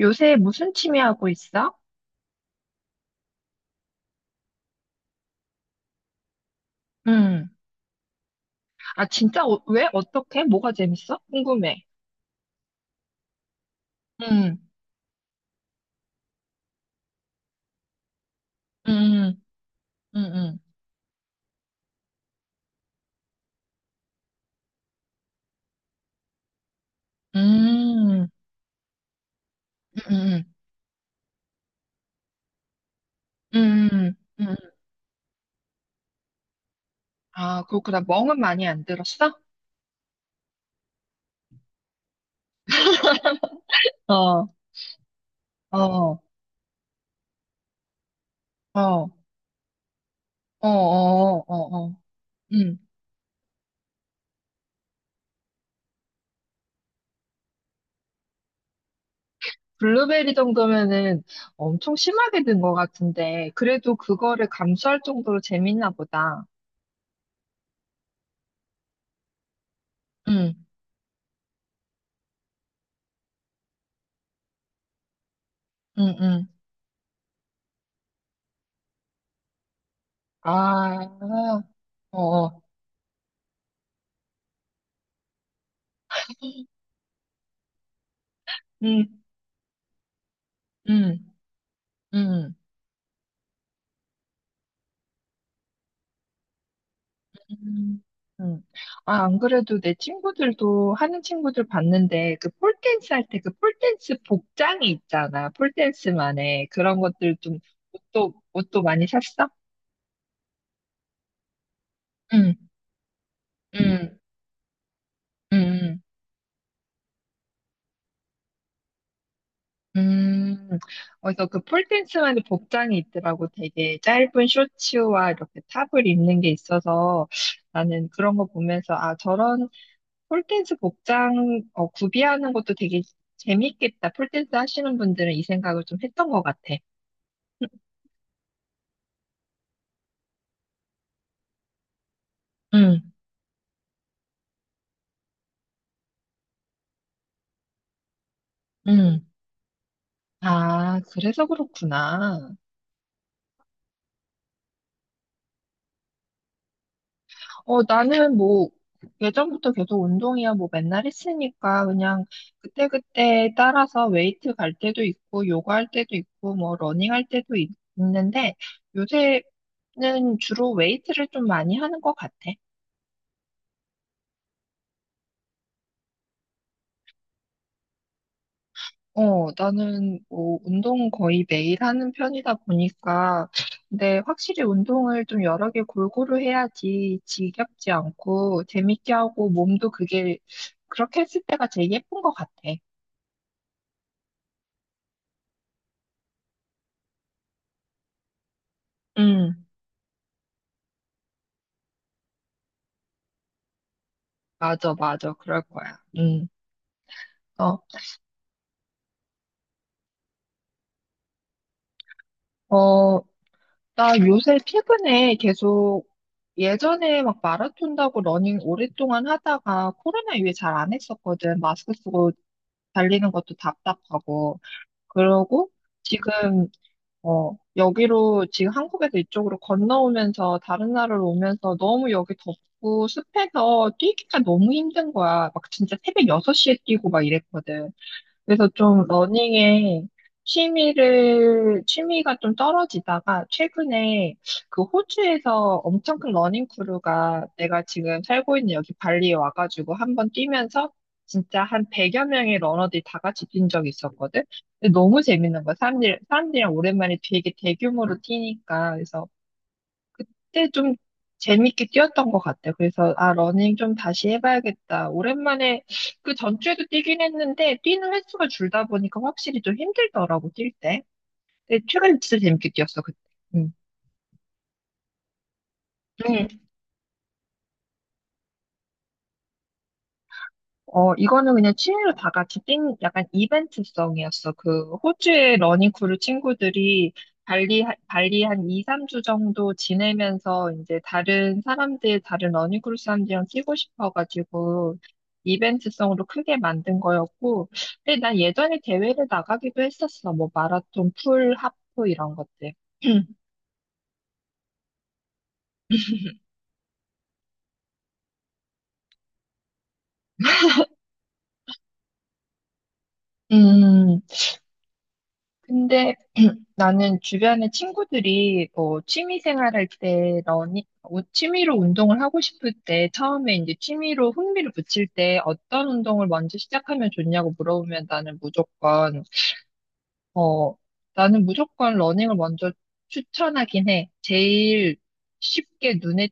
요새 무슨 취미 하고 있어? 응. 아, 진짜? 왜? 어떻게? 뭐가 재밌어? 궁금해. 응, 응, 응, 응, 응, 응, 응, 응. 아, 그렇구나. 멍은 많이 안 들었어? 어, 어, 어, 어, 어, 어, 어, 응. 블루베리 정도면은 엄청 심하게 든 것 같은데, 그래도 그거를 감수할 정도로 재밌나 보다. 응, 응, 응, 아, 어, 어, 음, 응. 음, 음, 음. 아, 안 그래도 내 친구들도 하는 친구들 봤는데 그 폴댄스 할 때 그 폴댄스 복장이 있잖아. 폴댄스만의 그런 것들 좀 옷도 옷도 많이 샀어? 응, 응, 응, 응. 그래서 그 폴댄스만의 복장이 있더라고. 되게 짧은 쇼츠와 이렇게 탑을 입는 게 있어서 나는 그런 거 보면서 아, 저런 폴댄스 복장 어, 구비하는 것도 되게 재밌겠다. 폴댄스 하시는 분들은 이 생각을 좀 했던 것 같아. 응, 응. 아, 그래서 그렇구나. 어, 나는 뭐, 예전부터 계속 운동이야, 뭐 맨날 했으니까 그냥 그때그때 따라서 웨이트 갈 때도 있고, 요가 할 때도 있고, 뭐 러닝 할 때도 있, 는데 요새는 주로 웨이트를 좀 많이 하는 것 같아. 어, 나는 뭐 운동 거의 매일 하는 편이다 보니까, 근데 확실히 운동을 좀 여러 개 골고루 해야지 지겹지 않고 재밌게 하고 몸도 그게 그렇게 했을 때가 제일 예쁜 것 같아. 음, 맞아, 맞아. 그럴 거야. 어, 어, 나 요새 최근에 계속 예전에 막 마라톤 다고 러닝 오랫동안 하다가 코로나 이후에 잘 안 했었거든. 마스크 쓰고 달리는 것도 답답하고. 그러고 지금 어 여기로 지금 한국에서 이쪽으로 건너오면서 다른 나라로 오면서 너무 여기 덥고 습해서 뛰기가 너무 힘든 거야. 막 진짜 새벽 6시에 뛰고 막 이랬거든. 그래서 좀 러닝에 취미를, 취미가 좀 떨어지다가 최근에 그 호주에서 엄청 큰 러닝 크루가 내가 지금 살고 있는 여기 발리에 와가지고 한번 뛰면서 진짜 한 100여 명의 러너들이 다 같이 뛴 적이 있었거든? 근데 너무 재밌는 거야. 사람들이랑 오랜만에 되게 대규모로 뛰니까. 그래서 그때 좀 재밌게 뛰었던 것 같아. 그래서, 아, 러닝 좀 다시 해봐야겠다. 오랜만에, 그 전주에도 뛰긴 했는데, 뛰는 횟수가 줄다 보니까 확실히 좀 힘들더라고, 뛸 때. 근데 최근에 진짜 재밌게 뛰었어, 그때. 응. 어, 이거는 그냥 취미로 다 같이 뛴 약간 이벤트성이었어. 그 호주의 러닝 크루 친구들이 발리, 발리 한 2, 3주 정도 지내면서 이제 다른 사람들, 다른 러닝 크루 사람들이랑 뛰고 싶어가지고 이벤트성으로 크게 만든 거였고, 근데 난 예전에 대회를 나가기도 했었어. 뭐 마라톤, 풀, 하프 이런 것들. 음. 근데 나는 주변에 친구들이 뭐 취미 생활할 때 너니 어, 취미로 운동을 하고 싶을 때 처음에 이제 취미로 흥미를 붙일 때 어떤 운동을 먼저 시작하면 좋냐고 물어보면 어 나는 무조건 러닝을 먼저 추천하긴 해. 제일 쉽게 눈에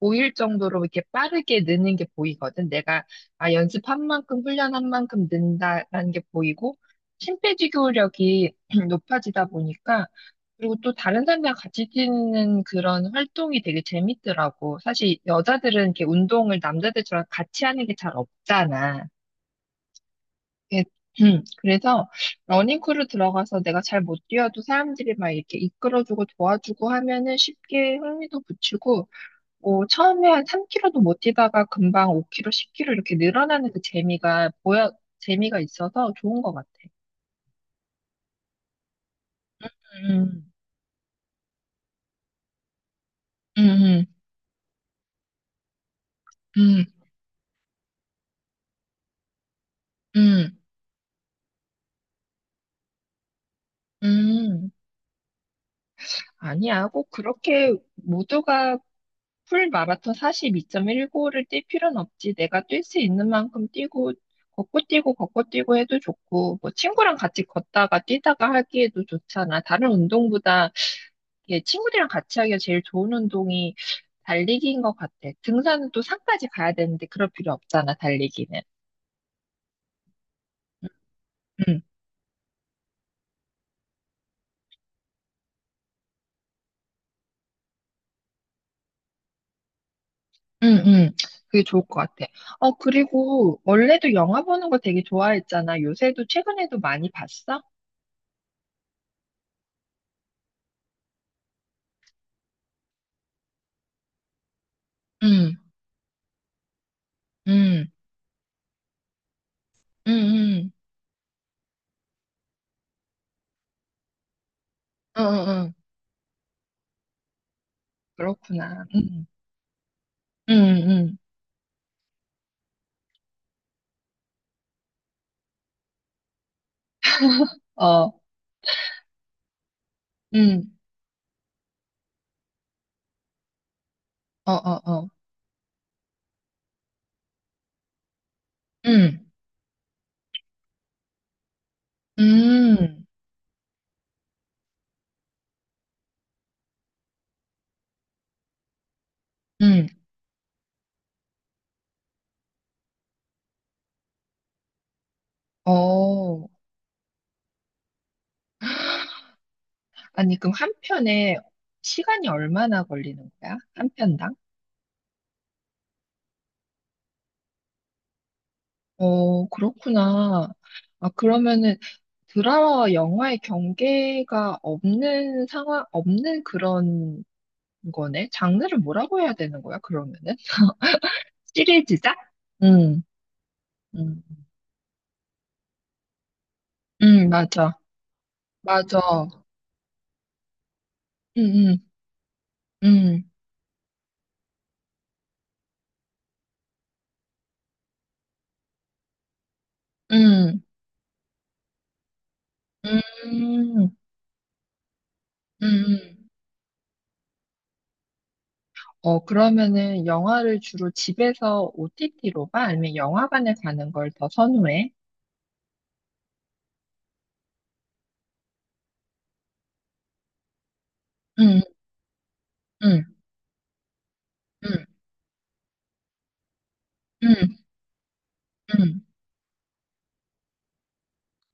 보일 정도로 이렇게 빠르게 느는 게 보이거든. 내가 아, 연습한 만큼, 훈련한 만큼 는다라는 게 보이고, 심폐지구력이 높아지다 보니까, 그리고 또 다른 사람들과 같이 뛰는 그런 활동이 되게 재밌더라고. 사실 여자들은 이렇게 운동을 남자들처럼 같이 하는 게 잘 없잖아. 예, 그래서 러닝크루 들어가서 내가 잘 못 뛰어도 사람들이 막 이렇게 이끌어주고 도와주고 하면은 쉽게 흥미도 붙이고 뭐 처음에 한 3km도 못 뛰다가 금방 5km, 10km 이렇게 늘어나는 그 재미가 보여 재미가 있어서 좋은 것 같아. 음, 음, 음, 음, 음. 아니야, 꼭 그렇게 모두가 풀 마라톤 42.195를 뛸 필요는 없지. 내가 뛸 수 있는 만큼 뛰고 걷고 뛰고 걷고 뛰고 해도 좋고 뭐 친구랑 같이 걷다가 뛰다가 하기에도 좋잖아. 다른 운동보다 예, 친구들이랑 같이 하기가 제일 좋은 운동이 달리기인 것 같아. 등산은 또 산까지 가야 되는데 그럴 필요 없잖아, 달리기는. 응, 응, 응. 그게 좋을 것 같아. 어, 그리고 원래도 영화 보는 거 되게 좋아했잖아. 요새도 최근에도 많이 봤어? 응, 응, 응, 응, 응, 응, 응. 그렇구나. 응, 응, 응. 어, 응, 어, 어, 어. 응, 응, 응. 어. 아니, 그럼 한 편에 시간이 얼마나 걸리는 거야? 한 편당? 어, 그렇구나. 아, 그러면은 드라마와 영화의 경계가 없는 상황, 없는 그런 거네? 장르를 뭐라고 해야 되는 거야, 그러면은? 시리즈작? 응, 응, 응, 맞아. 맞아. 응, 응, 응, 응, 응, 응. 어, 그러면은 영화를 주로 집에서 OTT로 봐? 아니면 영화관에 가는 걸 더 선호해? 응, 응, 응, 응, 응.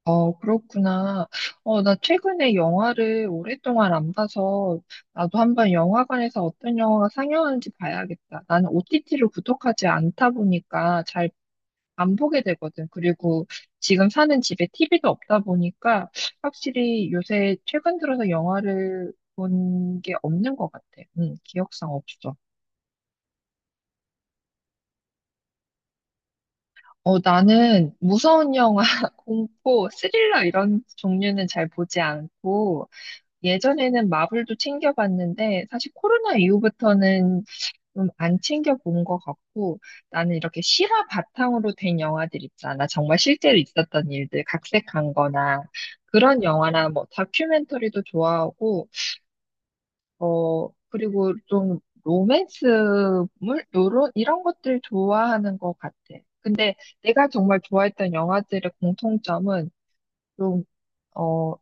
어, 그렇구나. 어, 나 최근에 영화를 오랫동안 안 봐서 나도 한번 영화관에서 어떤 영화가 상영하는지 봐야겠다. 나는 OTT를 구독하지 않다 보니까 잘 안 보게 되거든. 그리고 지금 사는 집에 TV도 없다 보니까 확실히 요새 최근 들어서 영화를 본 게 없는 것 같아. 응, 기억상 없어. 어, 나는 무서운 영화, 공포, 스릴러 이런 종류는 잘 보지 않고, 예전에는 마블도 챙겨봤는데, 사실 코로나 이후부터는 좀 안 챙겨본 것 같고, 나는 이렇게 실화 바탕으로 된 영화들 있잖아. 정말 실제로 있었던 일들, 각색한 거나, 그런 영화나 뭐 다큐멘터리도 좋아하고, 어, 그리고 좀 로맨스물? 요런, 이런 것들 좋아하는 것 같아. 근데 내가 정말 좋아했던 영화들의 공통점은 좀, 어,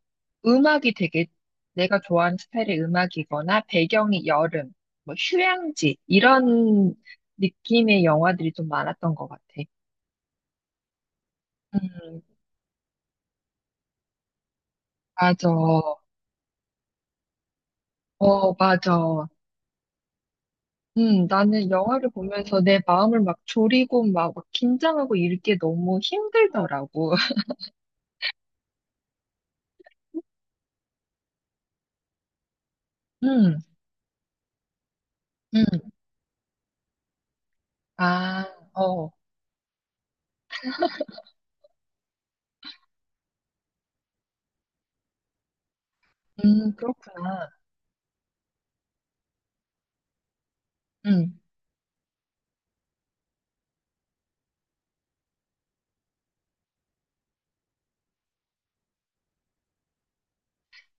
음악이 되게 내가 좋아하는 스타일의 음악이거나 배경이 여름, 뭐 휴양지, 이런 느낌의 영화들이 좀 많았던 것 같아. 음, 맞아. 어, 맞아. 나는 영화를 보면서 내 마음을 막 졸이고 막 긴장하고 이렇게 너무 힘들더라고. 음, 음, 아, 어, 그렇구나. 음.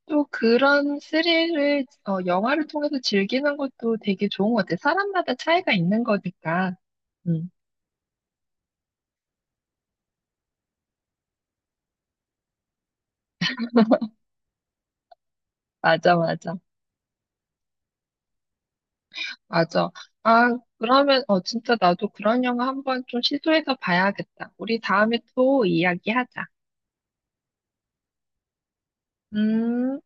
또 그런 스릴을, 어, 영화를 통해서 즐기는 것도 되게 좋은 것 같아. 사람마다 차이가 있는 거니까. 음, 맞아, 맞아, 맞아. 아, 그러면, 어, 진짜 나도 그런 영화 한번 좀 시도해서 봐야겠다. 우리 다음에 또 이야기하자. 음.